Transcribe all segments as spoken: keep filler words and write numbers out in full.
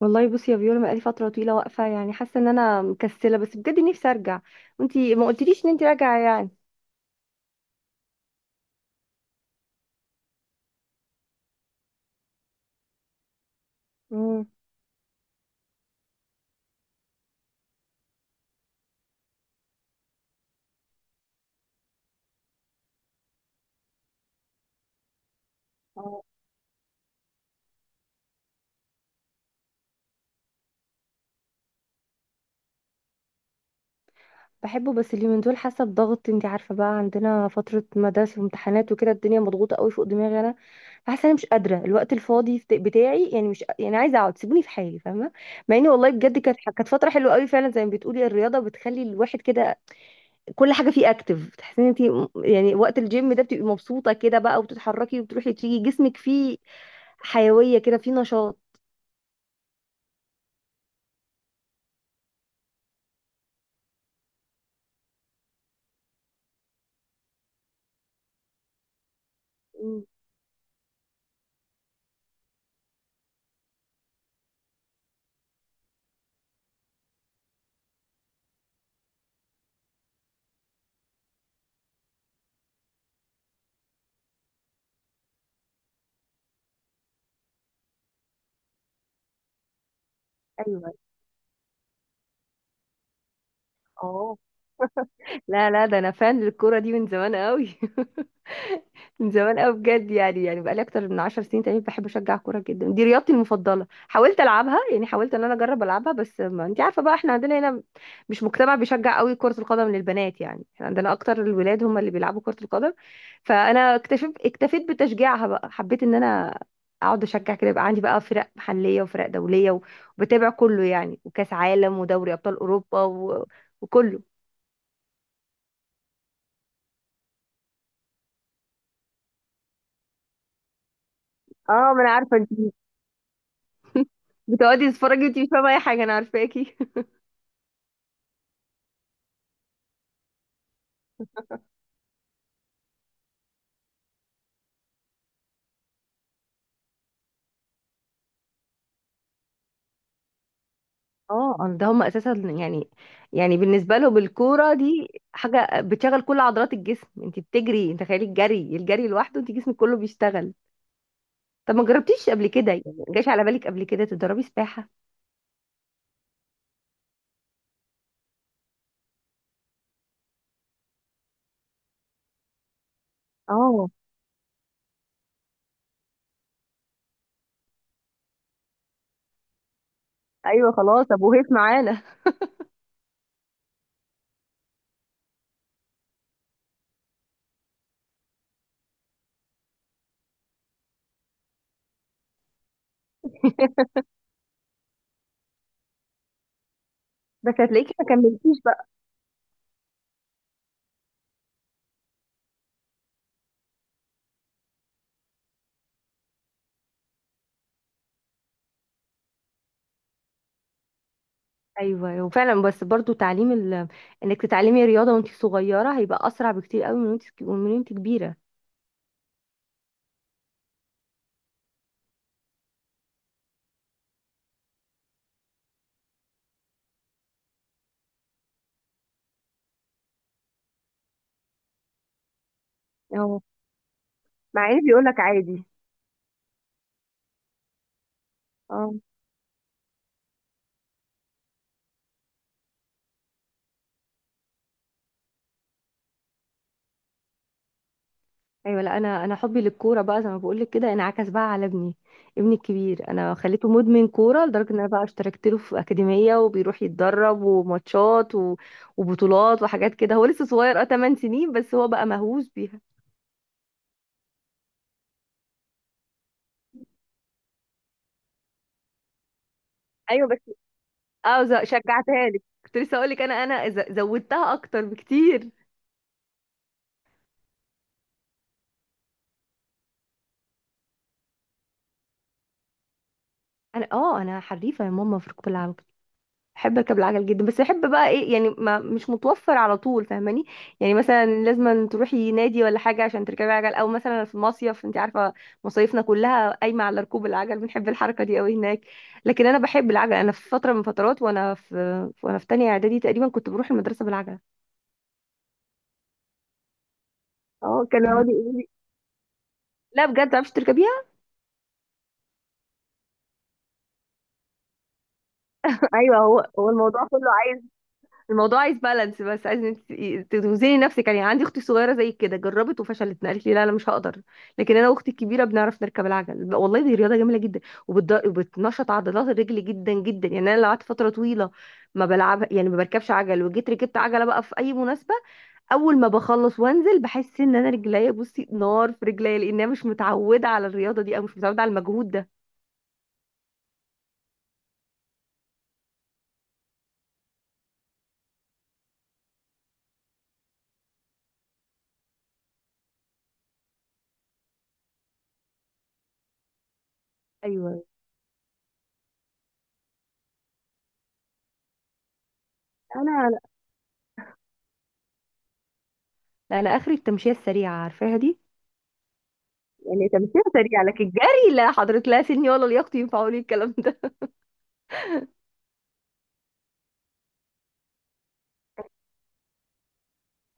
والله بصي يا فيولا، بقالي فترة طويلة واقفة، يعني حاسة ان انا مكسلة بس بجد نفسي ارجع. وانتي ما قلتليش ان انتي راجعة يعني؟ امم آه. بحبه بس اليومين دول حاسة بضغط، انتي عارفة بقى عندنا فترة مدارس وامتحانات وكده، الدنيا مضغوطة قوي فوق دماغي انا. فحاسة انا مش قادرة، الوقت الفاضي فت- بتاعي يعني مش يعني عايزة اقعد، سيبوني في حالي فاهمة. مع اني والله بجد كانت كانت فترة حلوة قوي فعلا، زي ما بتقولي الرياضة بتخلي الواحد كده كل حاجة فيه اكتف، بتحسي ان انتي م- يعني وقت الجيم ده بتبقي مبسوطة كده بقى، وبتتحركي وبتروحي تيجي، جسمك فيه حيوية كده، في نشاط. مم. ايوه. اه، لا لا، ده انا فان للكوره دي من زمان قوي. من زمان قوي بجد، يعني يعني بقالي اكتر من عشر سنين تقريبا بحب اشجع كوره جدا، دي رياضتي المفضله، حاولت العبها، يعني حاولت ان انا اجرب العبها، بس ما انت عارفه بقى احنا عندنا هنا مش مجتمع بيشجع قوي كره القدم للبنات، يعني احنا عندنا اكتر الولاد هم اللي بيلعبوا كره القدم. فانا اكتفيت اكتفيت بتشجيعها بقى، حبيت ان انا اقعد اشجع كده، يبقى عندي بقى فرق محليه وفرق دوليه، و- وبتابع كله يعني، وكاس عالم ودوري ابطال اوروبا و... وكله. اه ما انا عارفه انت بتقعدي تتفرجي وانت مش فاهمه اي حاجه، انا عارفاكي. اه أنا- ده هم اساسا، يعني يعني بالنسبه لهم الكوره دي حاجه بتشغل كل عضلات الجسم، انت بتجري، انت تخيلي الجري الجري لوحده انت جسمك كله بيشتغل. طب ما جربتيش قبل كده، يعني ما جاش على بالك قبل كده تدربي سباحه؟ اه. ايوه خلاص ابو هيف معانا. بس هتلاقيكي ما كملتيش بقى. ايوه وفعلا، بس برضو تعليم ال... انك تتعلمي رياضه وانت صغيره هيبقى اسرع بكتير قوي من وانت من وانت كبيره. اه. مع ان بيقول لك عادي. اه. ايوه، لا انا، انا حبي للكوره بقى زي ما بقول لك كده انعكس بقى على ابني، ابني الكبير انا خليته مدمن كوره، لدرجه ان انا بقى اشتركت له في اكاديميه وبيروح يتدرب وماتشات و... وبطولات وحاجات كده، هو لسه صغير، اه تمن سنين، بس هو بقى مهووس بيها. ايوه بس اه ز- شجعتها لك، كنت لسه اقول لك انا، انا ز- زودتها اكتر بكتير. انا اه انا حريفه يا ماما في كرة العاب، احب اركب العجل جدا، بس احب بقى ايه يعني، ما مش متوفر على طول فاهماني. يعني مثلا لازم أن تروحي نادي ولا حاجه عشان تركبي عجل، او مثلا في مصيف انت عارفه، مصايفنا كلها قايمه على ركوب العجل، بنحب الحركه دي قوي هناك. لكن انا بحب العجل، انا في فتره من فترات، وانا في وانا في تانية اعدادي تقريبا كنت بروح المدرسه بالعجله. اه، كانوا مم. يقعدوا يقولوا لي لا بجد ما تعرفيش تركبيها. ايوه، هو هو الموضوع كله، الموضوع عايز بالانس، بس عايز إن انت توزني نفسك، يعني عندي اختي صغيره زي كده جربت وفشلت، قالت لي لا انا مش هقدر. لكن انا واختي الكبيره بنعرف نركب العجل، والله دي رياضه جميله جدا. وبتض- وبتنشط عضلات الرجل جدا جدا، يعني انا لو قعدت فتره طويله ما بلعب يعني ما بركبش عجل، وجيت ركبت عجله بقى في اي مناسبه، اول ما بخلص وانزل بحس ان انا رجليا، بصي، نار في رجليا، لانها مش متعوده على الرياضه دي او مش متعوده على المجهود ده. ايوه. انا انا اخري التمشيه السريعه عارفاها دي، يعني تمشيها سريعة، لكن جري لا حضرتك، لا سني ولا لياقتي ينفعوا لي الكلام ده.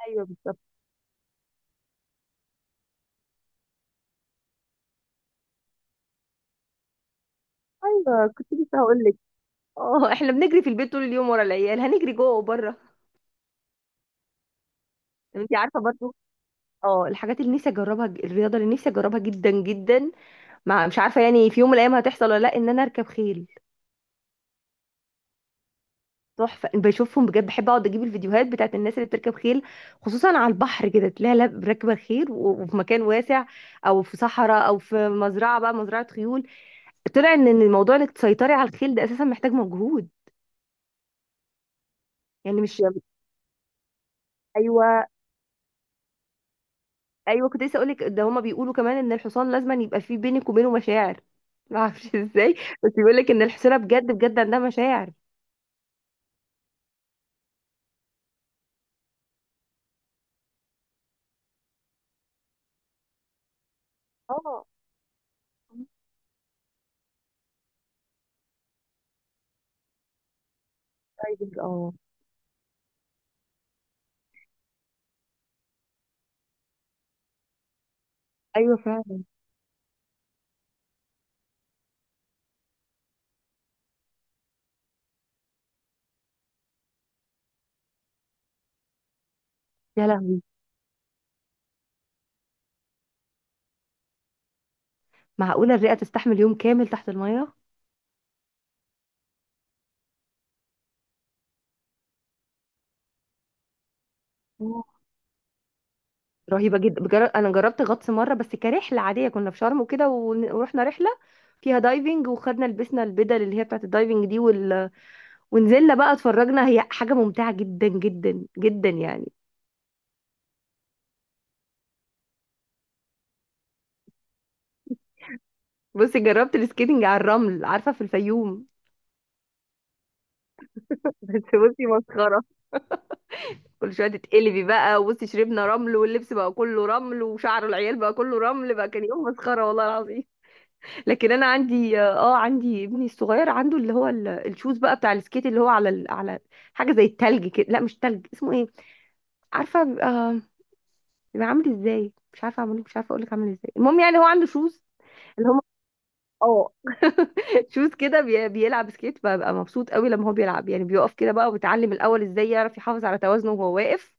ايوه بالظبط. ايوه كنت لسه هقول لك، اه احنا بنجري في البيت طول اليوم ورا العيال، هنجري جوه وبره. طب انت عارفه برضو، اه الحاجات اللي نفسي اجربها، ج- الرياضه اللي نفسي اجربها جدا جدا، مع مش عارفه يعني في يوم من الايام هتحصل ولا لا، ان انا اركب خيل. تحفه، بشوفهم بجد، بحب اقعد اجيب الفيديوهات بتاعت الناس اللي بتركب خيل، خصوصا على البحر كده تلاقيها لا- راكبه خيل و- وفي مكان واسع، او في صحراء او في مزرعه بقى، مزرعه خيول. طلع ان إن الموضوع انك تسيطري على الخيل ده اساسا محتاج مجهود. يعني مش، ايوه. ايوه كنت لسه اقول لك، ده هما بيقولوا كمان ان الحصان لازم يبقى فيه بينك وبينه مشاعر، ما اعرفش ازاي، بس بيقول لك ان الحصيره بجد بجد عندها مشاعر. اه diving، اه. ايوه فعلا. يا لهوي، معقوله الرئه تستحمل يوم كامل تحت الميه؟ أوه. رهيبه جدا بجر... انا جربت غطس مره، بس كرحله عاديه، كنا في شرم وكده، ون- ورحنا رحله فيها دايفنج، وخدنا لبسنا البدل اللي هي بتاعت الدايفنج دي وال... ونزلنا بقى اتفرجنا، هي حاجة ممتعة جدا جدا جدا يعني. بصي جربت السكيتنج على الرمل، عارفة في الفيوم. بس بصي مسخرة، كل شوية تتقلبي بقى، وبصي شربنا رمل، واللبس بقى كله رمل، وشعر العيال بقى كله رمل، بقى كان يوم مسخرة والله العظيم. لكن انا عندي اه عندي ابني الصغير عنده، اللي هو ال- الشوز بقى بتاع السكيت، اللي هو على ال... على حاجة زي التلج كده، لا مش تلج، اسمه ايه؟ عارفة بيبقى، بيبقى عامل ازاي، مش عارفة اعمله، مش عارفة اقولك عامل ازاي، المهم يعني هو عنده شوز اللي هم اه شوز كده، بي- بيلعب سكيت، ببقى مبسوط قوي لما هو بيلعب، يعني بيقف كده بقى، وبيتعلم الاول ازاي يعرف يحافظ على توازنه وهو واقف،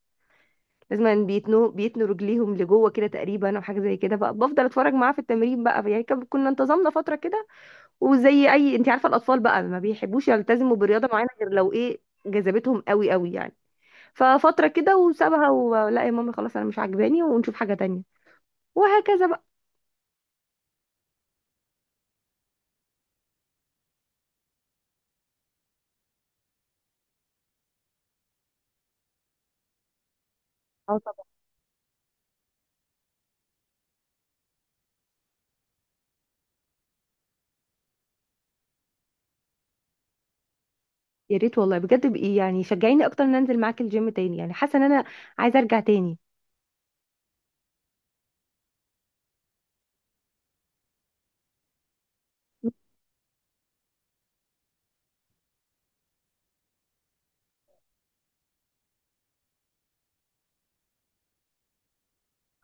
لازم بيتنوا بيتنوا رجليهم لجوه كده تقريبا، او حاجه زي كده بقى. بفضل اتفرج معاه في التمرين بقى يعني كان- كنا انتظمنا فتره كده، وزي اي انت عارفه الاطفال بقى ما بيحبوش يلتزموا برياضه معينه غير لو ايه جذبتهم قوي قوي يعني، ففتره كده وسابها، ولا يا ماما خلاص انا مش عاجباني ونشوف حاجه تانية، وهكذا بقى. اه طبعا. يا ريت والله بجد بقى، يعني شجعيني اكتر ان انزل معاك الجيم تاني، يعني حاسه ان انا عايزه ارجع تاني.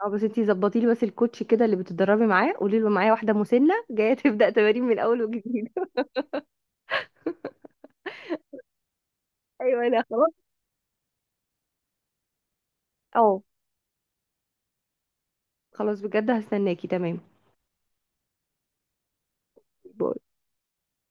اه بس انتي ظبطي لي بس الكوتش كده اللي بتتدربي معاه، قولي له معايا واحده مسنه جايه تبدا تمارين من اول وجديد. ايوه انا خلاص. اه خلاص بجد هستناكي، تمام.